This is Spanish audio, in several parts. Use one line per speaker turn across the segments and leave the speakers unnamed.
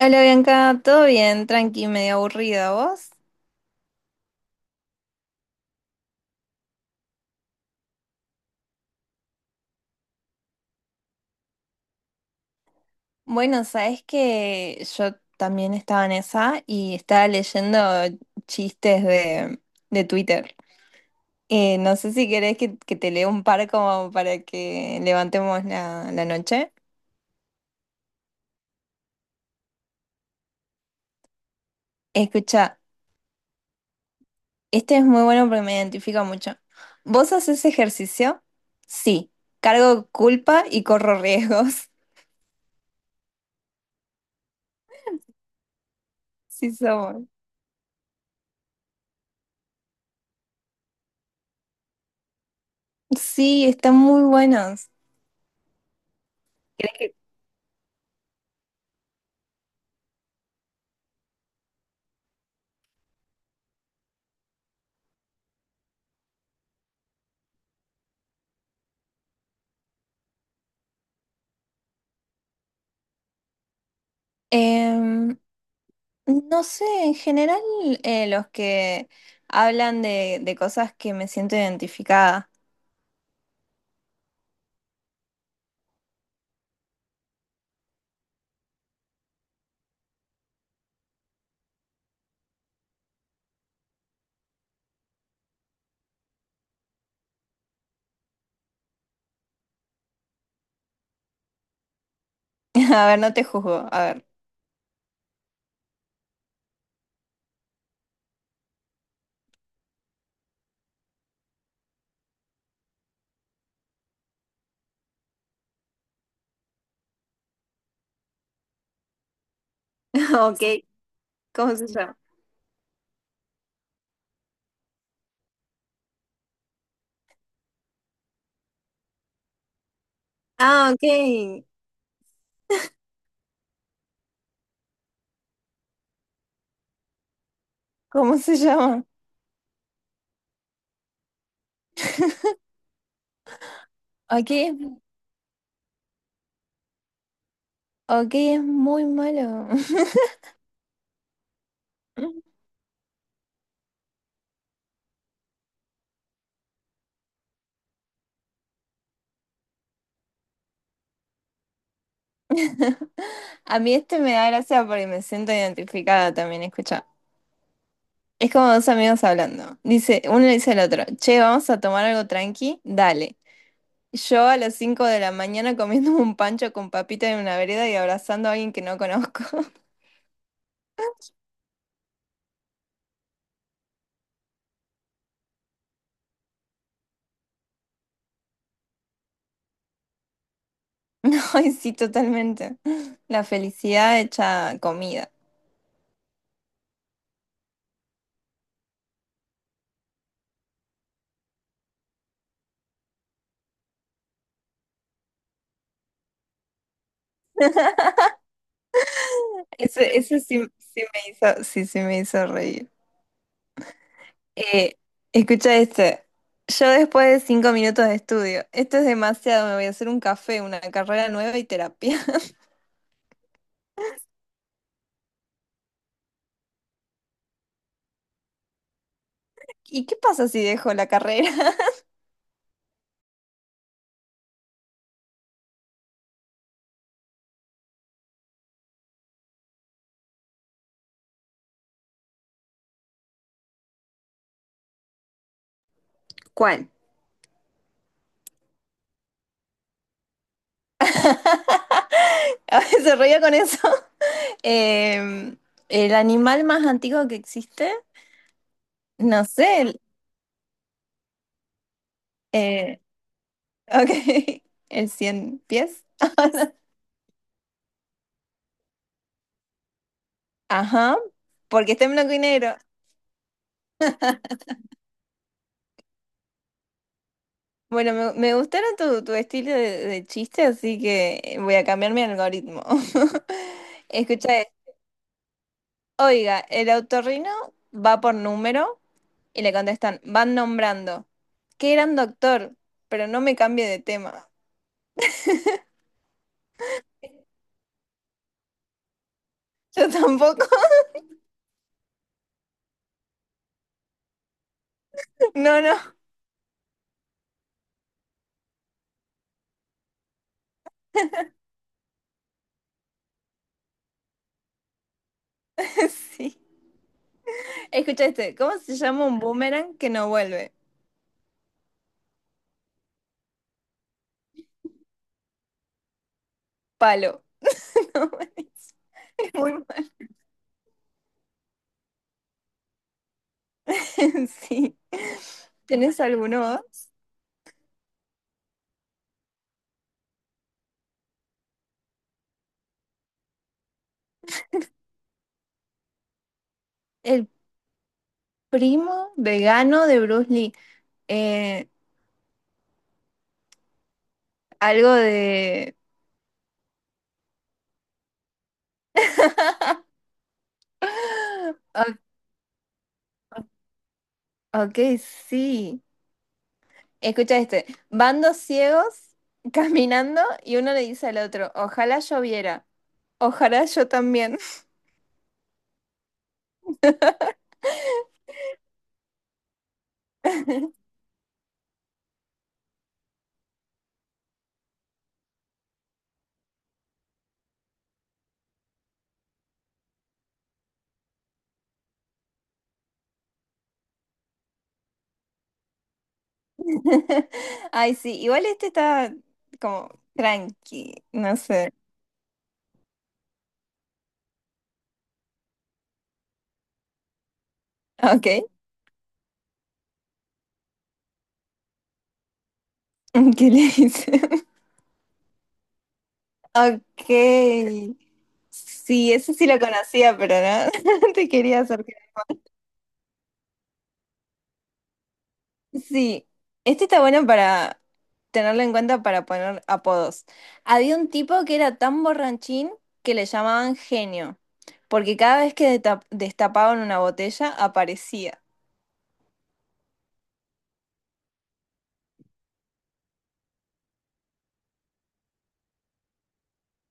Hola Bianca, ¿todo bien? Tranqui, medio aburrida, ¿vos? Bueno, sabes que yo también estaba en esa y estaba leyendo chistes de Twitter. No sé si querés que te lea un par como para que levantemos la noche. Escucha, este es muy bueno porque me identifica mucho. ¿Vos haces ejercicio? Sí. Cargo culpa y corro riesgos. Sí, somos. Sí, están muy buenos. Em, No sé, en general los que hablan de cosas que me siento identificada. A ver, no te juzgo, a ver. Ok, ¿cómo se llama? Ah, ok. ¿Cómo se llama? Ok, ok, es muy malo. A mí este me da gracia porque me siento identificada también, escucha. Es como dos amigos hablando. Dice, uno le dice al otro, che, vamos a tomar algo tranqui, dale. Yo a las 5 de la mañana comiendo un pancho con papita en una vereda y abrazando a alguien que no conozco. No, ay, sí, totalmente. La felicidad hecha comida. Eso sí, sí, sí me hizo reír. Eh, escucha este. Yo después de 5 minutos de estudio, esto es demasiado, me voy a hacer un café, una carrera nueva y terapia. ¿Y qué pasa si dejo la carrera? ¿Cuál? A veces se ríe con eso. Em, el animal más antiguo que existe, no sé, eh, ok, el 100 pies. Ajá, porque está en blanco y negro. Bueno, me gustaron tu estilo de chiste, así que voy a cambiar mi algoritmo. Escucha, esto. Oiga, el autorrino va por número y le contestan, van nombrando. Qué gran doctor, pero no me cambie de tema. Yo tampoco. No, no, sí. Escucha este, ¿cómo se llama un boomerang que no vuelve? Palo. No, es muy mal. Sí. ¿Tenés alguno vos? El primo vegano de Bruce Lee. Eh, algo de... O- Ok, sí. Escucha este. Van dos ciegos caminando y uno le dice al otro, ojalá yo viera. Ojalá yo también. Ay, sí, igual este está como tranqui, no sé. Ok, ¿qué le dicen? Ok, sí, ese sí lo conocía, pero no, te quería hacer. Sí, este está bueno para tenerlo en cuenta para poner apodos. Había un tipo que era tan borrachín que le llamaban genio, porque cada vez que destapaban una botella aparecía.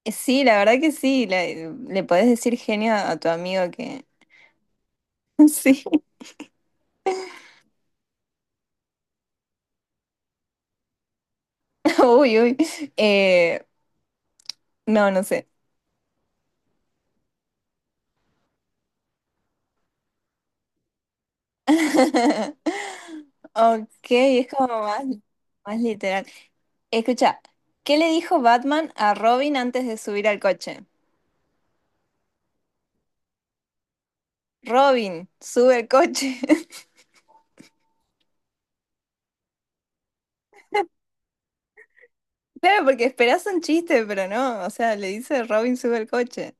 Sí, la verdad que sí, le podés decir genio a tu amigo. Sí, uy, uy. Eh, no, no sé. Ok, es como más, más literal. Escucha, ¿qué le dijo Batman a Robin antes de subir al coche? Robin, sube el coche. Claro, porque esperás un chiste, pero no. O sea, le dice Robin, sube el coche.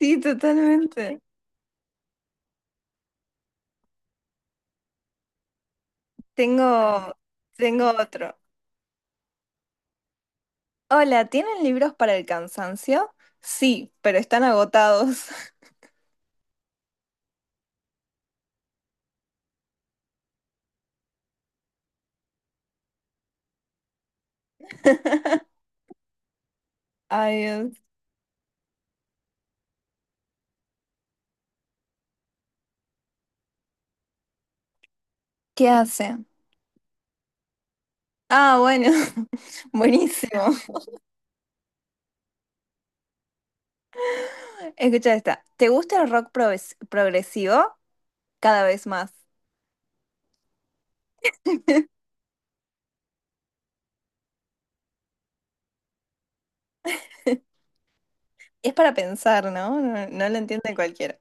Sí, totalmente. Tengo, tengo otro. Hola, ¿tienen libros para el cansancio? Sí, pero están agotados. Ay, ¿qué hace? Ah, bueno, buenísimo. Escucha esta. ¿Te gusta el rock progresivo? Cada vez más. Es para pensar, ¿no? No, no lo entiende cualquiera.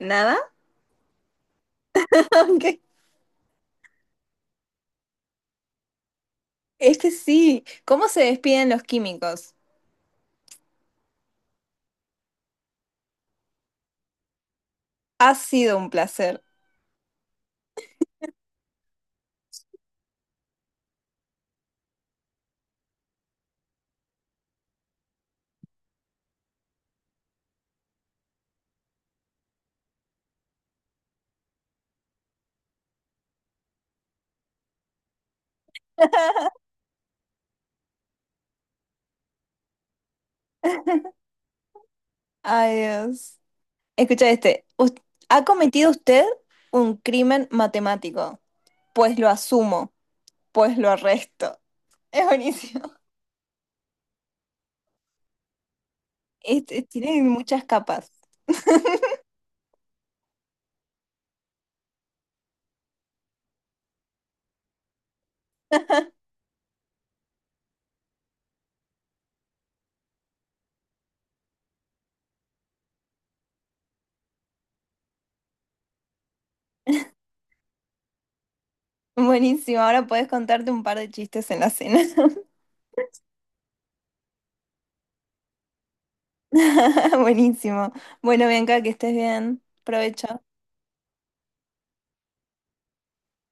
¿Nada? Ok. Es que sí. ¿Cómo se despiden los químicos? Ha sido un placer. Ay, Dios. Escucha este. ¿Ha cometido usted un crimen matemático? Pues lo asumo, pues lo arresto. Es buenísimo. Este, tiene muchas capas. Buenísimo, ahora podés contarte un par de chistes en la cena. Buenísimo. Bueno, Bianca, que estés bien. Provecho.